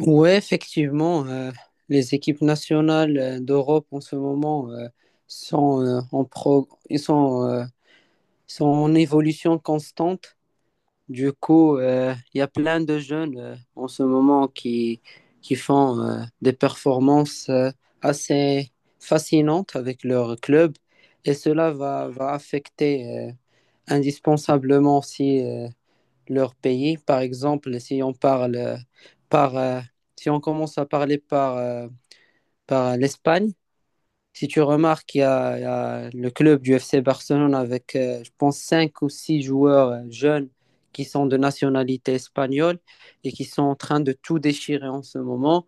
Ouais, effectivement, les équipes nationales d'Europe en ce moment sont, en pro- ils sont, sont en évolution constante. Du coup, il y a plein de jeunes en ce moment qui font des performances assez fascinantes avec leur club et cela va affecter indispensablement aussi leur pays. Par exemple, par, euh, si on commence à parler par l'Espagne, si tu remarques, il y, a y a le club du FC Barcelone avec, je pense, cinq ou six joueurs jeunes qui sont de nationalité espagnole et qui sont en train de tout déchirer en ce moment.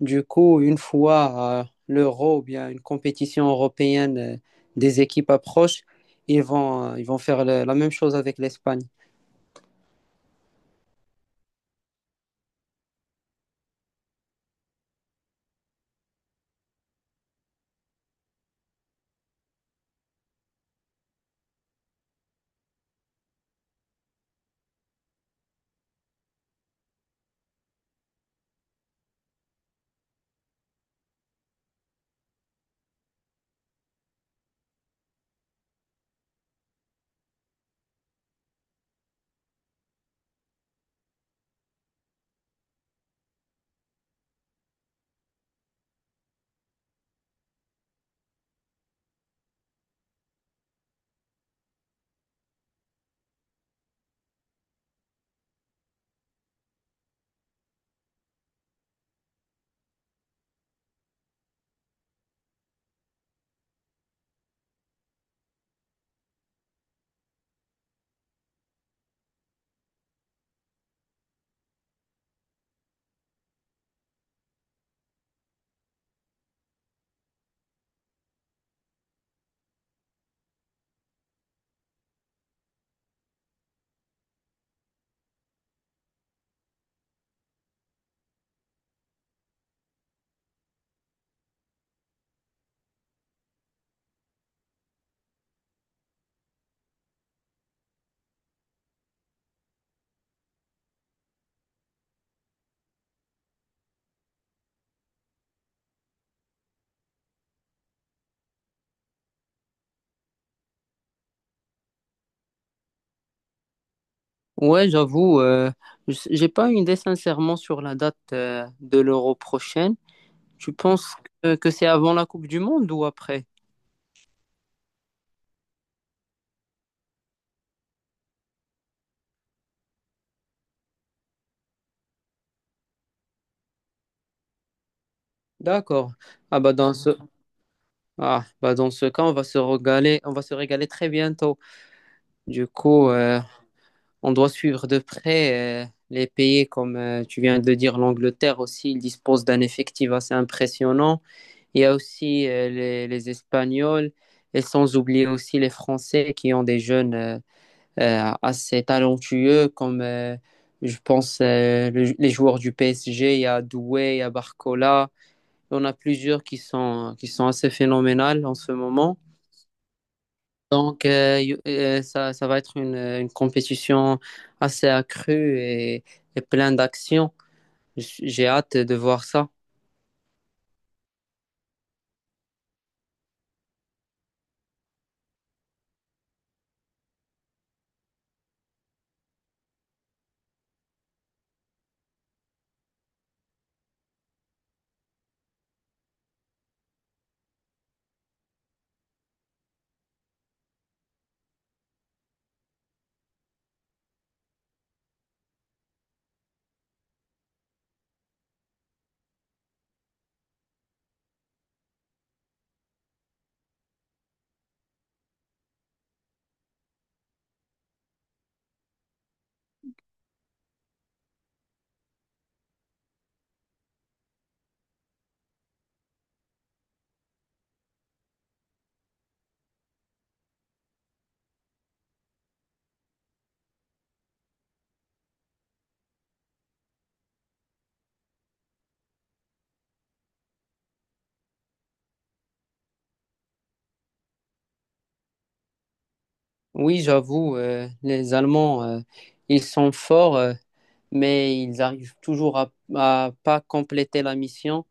Du coup, une fois l'Euro ou bien une compétition européenne des équipes approche, ils vont faire la même chose avec l'Espagne. Ouais, j'avoue, j'ai pas une idée sincèrement sur la date de l'Euro prochaine. Tu penses que c'est avant la Coupe du Monde ou après? D'accord. Ah bah dans ce ah bah dans ce cas, on va se régaler, on va se régaler très bientôt. Du coup, on doit suivre de près les pays comme tu viens de dire, l'Angleterre aussi, ils disposent d'un effectif assez impressionnant. Il y a aussi les Espagnols et sans oublier aussi les Français qui ont des jeunes. Assez talentueux comme je pense le- les joueurs du PSG, il y a Doué, il y a Barcola, il y en a plusieurs qui sont assez phénoménales en ce moment. Ça va être une compétition assez accrue et plein d'actions. J'ai hâte de voir ça. Oui, j'avoue, les Allemands, ils sont forts, mais ils arrivent toujours à pas compléter la mission.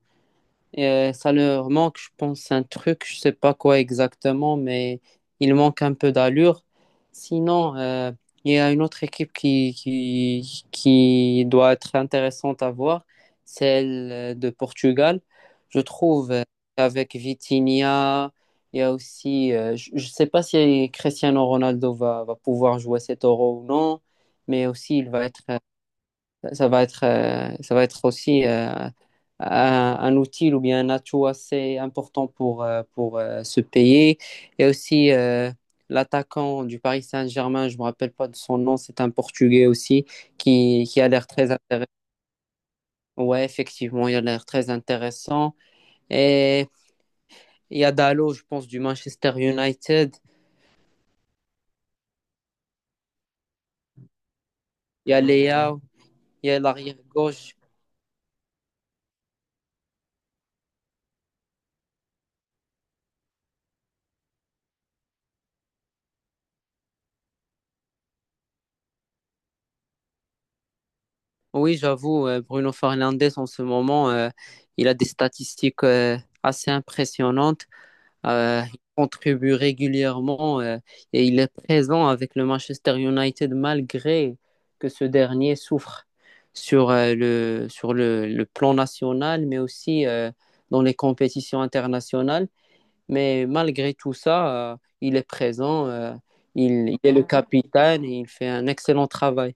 Et ça leur manque, je pense, un truc, je sais pas quoi exactement, mais il manque un peu d'allure. Sinon, il y a une autre équipe qui doit être intéressante à voir, celle de Portugal. Je trouve, avec Vitinha, il y a aussi, je ne sais pas si Cristiano Ronaldo va pouvoir jouer cet Euro ou non, mais aussi il va être ça va être, ça va être aussi un outil ou bien un atout assez important pour, ce pays. Et aussi l'attaquant du Paris Saint-Germain, je ne me rappelle pas de son nom, c'est un Portugais aussi qui a l'air très intéressant. Ouais, effectivement, il a l'air très intéressant. Et il y a Dalo, je pense, du Manchester United. Il y a Leao, il y a l'arrière-gauche. Oui, j'avoue, Bruno Fernandes en ce moment, il a des statistiques assez impressionnantes. Il contribue régulièrement et il est présent avec le Manchester United malgré que ce dernier souffre sur le plan national, mais aussi dans les compétitions internationales. Mais malgré tout ça, il est présent, il est le capitaine et il fait un excellent travail.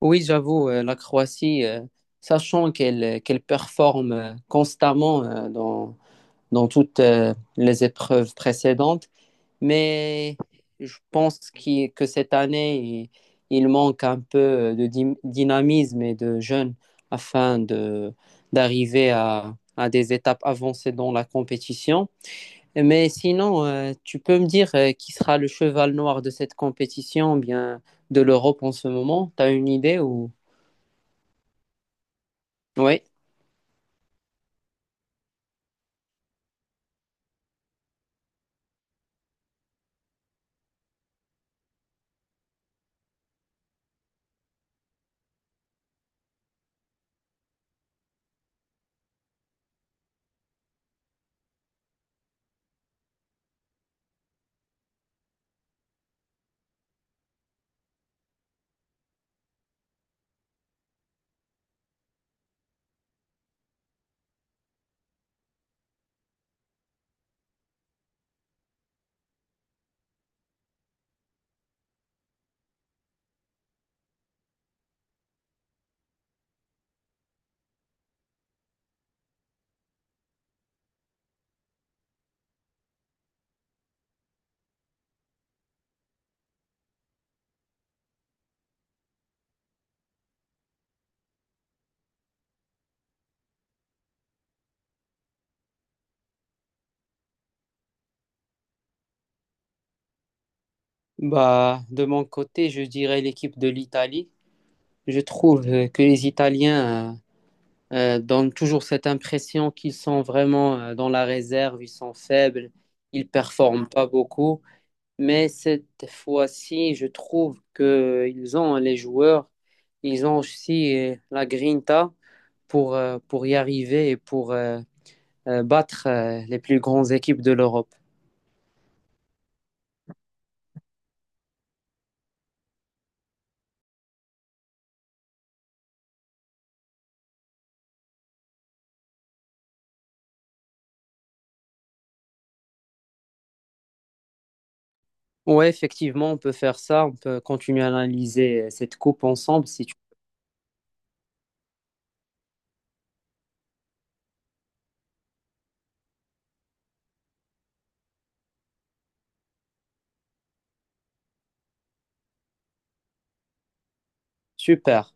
Oui, j'avoue, la Croatie, sachant qu'elle qu'elle performe constamment dans toutes les épreuves précédentes, mais je pense que cette année, il manque un peu dynamisme et de jeunes afin de d'arriver à des étapes avancées dans la compétition. Mais sinon, tu peux me dire qui sera le cheval noir de cette compétition, bien de l'Europe en ce moment? T'as une idée ou... Oui. Bah, de mon côté, je dirais l'équipe de l'Italie. Je trouve que les Italiens donnent toujours cette impression qu'ils sont vraiment dans la réserve, ils sont faibles, ils performent pas beaucoup. Mais cette fois-ci, je trouve qu'ils ont les joueurs, ils ont aussi la grinta pour y arriver et pour battre les plus grandes équipes de l'Europe. Ouais, effectivement, on peut faire ça. On peut continuer à analyser cette coupe ensemble si tu Super.